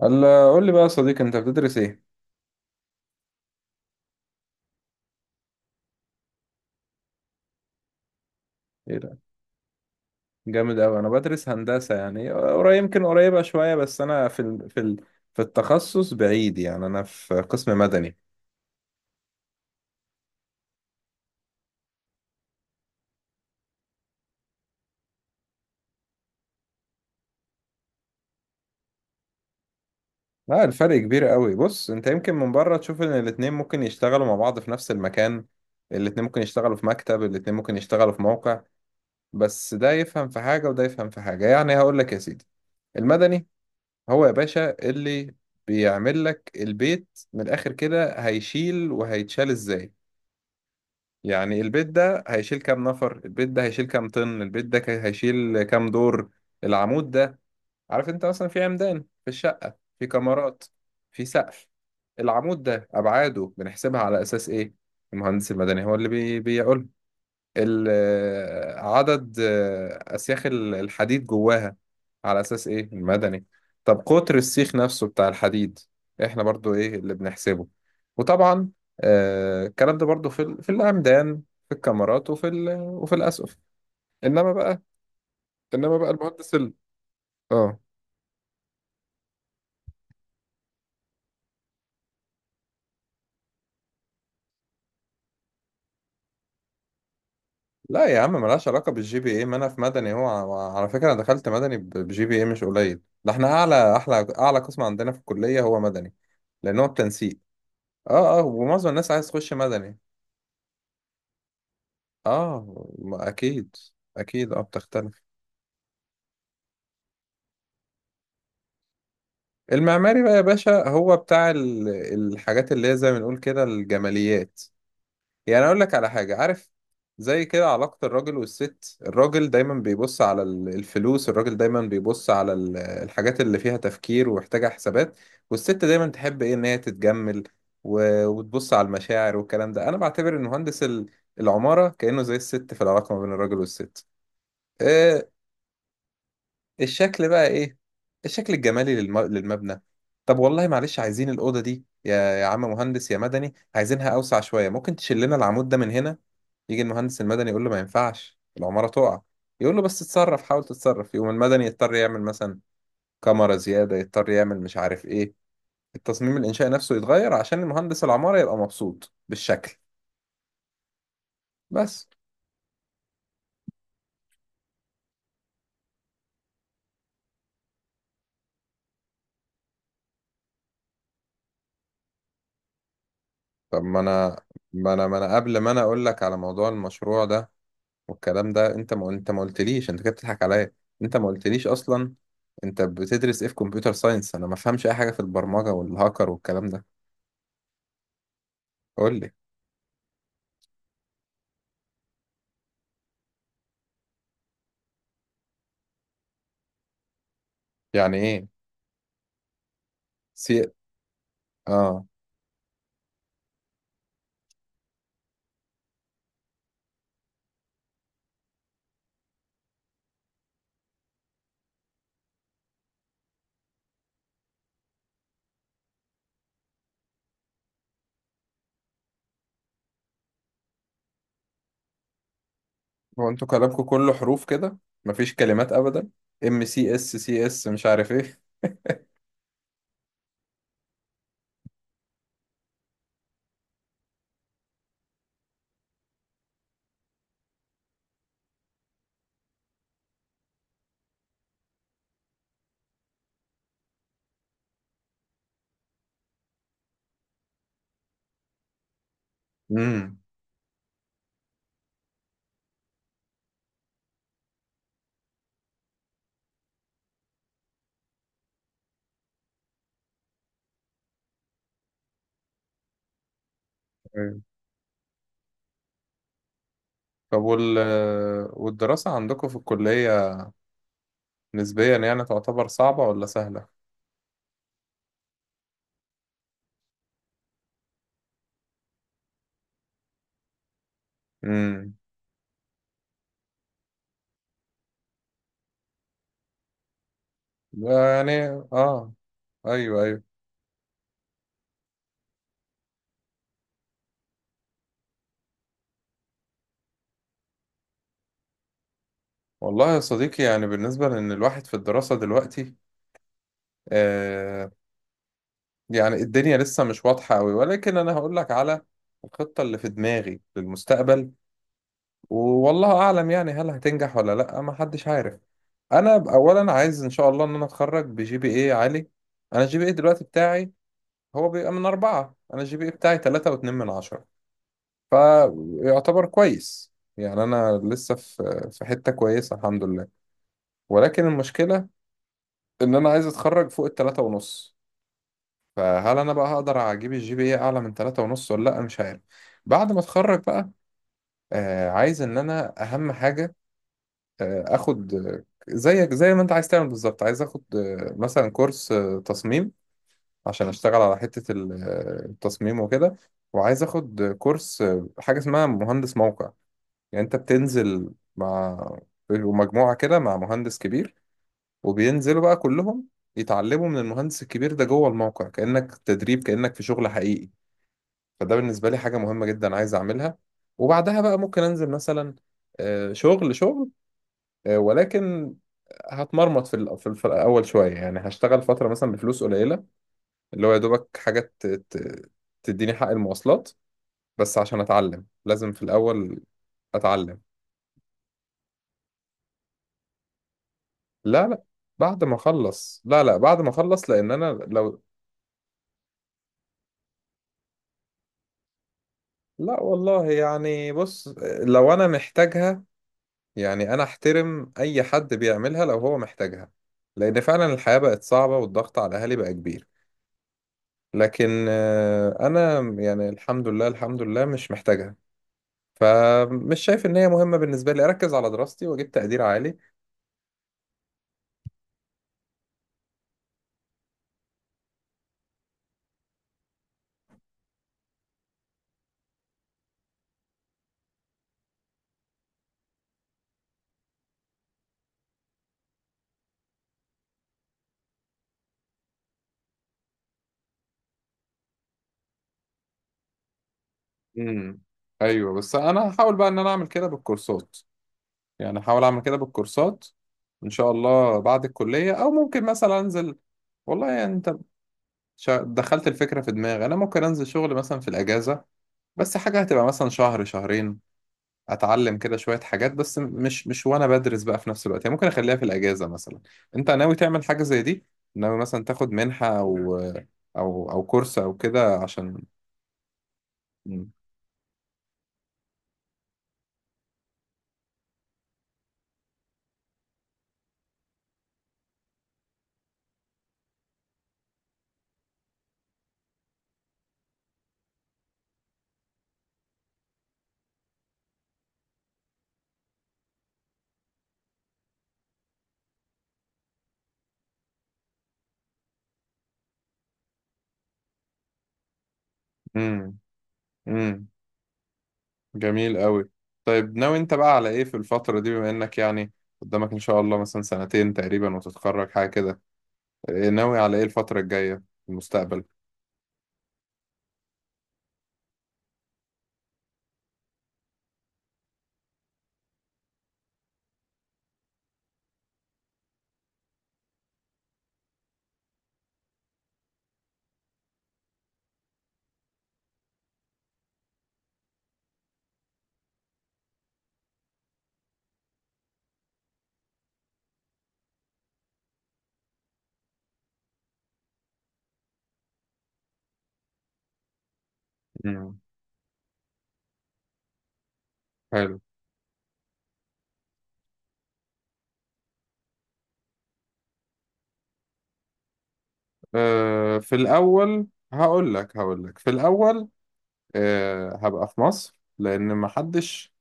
قال قول لي بقى يا صديقي، انت بتدرس ايه؟ ايه ده؟ جامد قوي. انا بدرس هندسة، يعني قريب، يمكن قريبة شوية، بس انا في التخصص بعيد، يعني انا في قسم مدني. لا، الفرق كبير قوي. بص، انت يمكن من بره تشوف ان الاتنين ممكن يشتغلوا مع بعض في نفس المكان. الاتنين ممكن يشتغلوا في مكتب، الاتنين ممكن يشتغلوا في موقع. بس ده يفهم في حاجة وده يفهم في حاجة، يعني هقول لك يا سيدي. المدني هو يا باشا اللي بيعمل لك البيت، من الاخر كده، هيشيل وهيتشال ازاي. يعني البيت ده هيشيل كام نفر، البيت ده هيشيل كام طن، البيت ده هيشيل كام دور. العمود ده، عارف انت مثلا في عمدان، في الشقة، في كمرات، في سقف. العمود ده أبعاده بنحسبها على أساس إيه؟ المهندس المدني هو اللي بيقول عدد أسياخ الحديد جواها، على أساس إيه؟ المدني. طب قطر السيخ نفسه بتاع الحديد، إحنا برضو إيه اللي بنحسبه. وطبعا الكلام ده برضو في الأمدان، في الكاميرات، وفي الأسقف. إنما بقى إنما بقى المهندس. آه لا يا عم، ملهاش علاقة بالجي بي إيه. ما أنا في مدني، هو على فكرة أنا دخلت مدني بجي بي إيه، مش قليل ده، إحنا أعلى قسم عندنا في الكلية هو مدني، لأن هو التنسيق. اه، اه، ومعظم الناس عايز تخش مدني. اه، ما اكيد. اكيد، اه بتختلف. المعماري بقى يا باشا هو بتاع الحاجات اللي هي، زي ما نقول كده، الجماليات. يعني اقول لك على حاجة، عارف؟ زي كده علاقة الراجل والست. الراجل دايما بيبص على الفلوس، الراجل دايما بيبص على الحاجات اللي فيها تفكير ومحتاجة حسابات. والست دايما تحب ايه؟ ان هي تتجمل وتبص على المشاعر والكلام ده. انا بعتبر ان مهندس العمارة كأنه زي الست في العلاقة ما بين الراجل والست. آه، الشكل بقى ايه؟ الشكل الجمالي للمبنى. طب والله معلش، عايزين الأوضة دي يا عم مهندس يا مدني، عايزينها أوسع شوية، ممكن تشيل لنا العمود ده من هنا. يجي المهندس المدني يقول له ما ينفعش، العمارة تقع. يقول له بس اتصرف، حاول تتصرف. يقوم المدني يضطر يعمل مثلا كاميرا زيادة، يضطر يعمل مش عارف ايه، التصميم الإنشائي نفسه يتغير عشان المهندس العمارة يبقى مبسوط بالشكل. بس طب، ما انا قبل ما انا اقول لك على موضوع المشروع ده والكلام ده، انت ما قلتليش، انت كده بتضحك عليا. انت ما قلتليش اصلا، انت بتدرس ايه في كمبيوتر ساينس؟ انا ما فهمش اي حاجه في البرمجه والهاكر والكلام ده. قول لي. يعني ايه سي اه؟ هو انتوا كلامكم كله حروف كده، مفيش كلمات ابدا. ام سي اس سي اس مش عارف ايه. امم. طب والدراسه عندكم في الكليه نسبيا، يعني تعتبر صعبه ولا سهله؟ امم. يعني. اه. ايوه، ايوه. والله يا صديقي، يعني بالنسبة لأن الواحد في الدراسة دلوقتي، آه يعني الدنيا لسه مش واضحة أوي، ولكن أنا هقول لك على الخطة اللي في دماغي للمستقبل. والله أعلم يعني، هل هتنجح ولا لأ، ما حدش عارف. أنا أولا عايز إن شاء الله إن أنا أتخرج بجي بي إيه عالي. أنا الجي بي إيه دلوقتي بتاعي هو بيبقى من 4. أنا الجي بي إيه بتاعي 3.2 من 10، فيعتبر كويس. يعني أنا لسه في حتة كويسة، الحمد لله. ولكن المشكلة ان انا عايز اتخرج فوق الـ 3.5. فهل انا بقى هقدر اجيب الجي بي اي اعلى من 3.5 ولا لا، مش عارف. بعد ما اتخرج بقى، عايز ان انا اهم حاجة اخد، زيك زي ما انت عايز تعمل بالظبط، عايز اخد مثلا كورس تصميم، عشان اشتغل على حتة التصميم وكده. وعايز اخد كورس حاجة اسمها مهندس موقع. يعني انت بتنزل مع مجموعة كده مع مهندس كبير، وبينزلوا بقى كلهم يتعلموا من المهندس الكبير ده جوه الموقع، كأنك تدريب، كأنك في شغل حقيقي. فده بالنسبة لي حاجة مهمة جدا، عايز أعملها. وبعدها بقى ممكن أنزل مثلا شغل شغل. ولكن هتمرمط في الأ- في الف- الأول شوية، يعني هشتغل فترة مثلا بفلوس قليلة، اللي هو يا دوبك حاجة تديني حق المواصلات، بس عشان أتعلم لازم في الأول أتعلم. لا لا، بعد ما أخلص. لا لا، بعد ما أخلص لأن أنا لو... لا والله، يعني بص، لو انا محتاجها، يعني انا احترم اي حد بيعملها لو هو محتاجها، لان فعلا الحياة بقت صعبة والضغط على الاهالي بقى كبير. لكن انا يعني، الحمد لله، الحمد لله مش محتاجها، فمش شايف ان هي مهمة. بالنسبة لي اركز على دراستي واجيب تقدير عالي. امم. ايوه، بس انا هحاول بقى ان انا اعمل كده بالكورسات، يعني هحاول اعمل كده بالكورسات ان شاء الله بعد الكلية، او ممكن مثلا انزل. والله، يعني انت دخلت الفكرة في دماغي. أنا ممكن أنزل شغل مثلا في الأجازة، بس حاجة هتبقى مثلا شهر شهرين، أتعلم كده شوية حاجات، بس مش وأنا بدرس بقى في نفس الوقت، يعني ممكن أخليها في الأجازة مثلا. أنت ناوي تعمل حاجة زي دي؟ ناوي مثلا تاخد منحة، أو كورس أو كده عشان... امم، امم. جميل قوي. طيب، ناوي أنت بقى على إيه في الفترة دي، بما إنك يعني قدامك إن شاء الله مثلا سنتين تقريبا وتتخرج حاجة كده، إيه ناوي على إيه الفترة الجاية في المستقبل؟ امم. حلو. في الأول هقول لك في الأول، هبقى في مصر، لأن محدش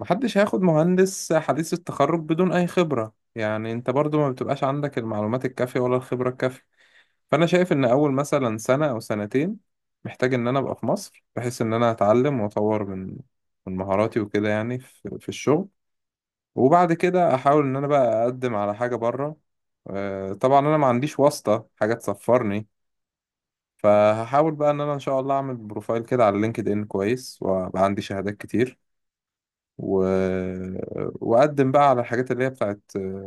محدش هياخد مهندس حديث التخرج بدون أي خبرة. يعني أنت برضو ما بتبقاش عندك المعلومات الكافية ولا الخبرة الكافية. فأنا شايف إن أول مثلا سنة أو سنتين محتاج إن أنا أبقى في مصر، بحيث إن أنا أتعلم وأطور من مهاراتي وكده، يعني في الشغل. وبعد كده أحاول إن أنا بقى أقدم على حاجة بره. طبعا أنا ما عنديش واسطة حاجة تسفرني، فهحاول بقى ان انا ان شاء الله اعمل بروفايل كده على لينكد ان كويس، وابقى عندي شهادات كتير، و... واقدم بقى على الحاجات اللي هي بتاعت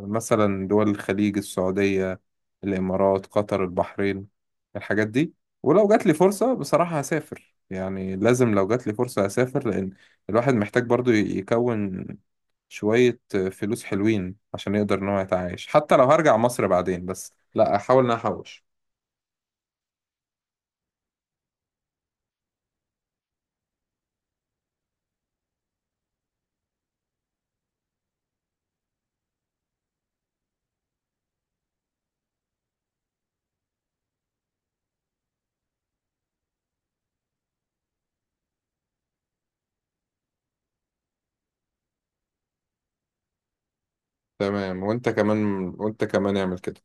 مثلا دول الخليج: السعودية، الامارات، قطر، البحرين، الحاجات دي. ولو جات لي فرصة بصراحة هسافر، يعني لازم لو جات لي فرصة هسافر، لان الواحد محتاج برضو يكون شوية فلوس حلوين عشان يقدر ان هو يتعايش، حتى لو هرجع مصر بعدين، بس لا احاول ان أنا احوش. تمام، وانت كمان. اعمل كده.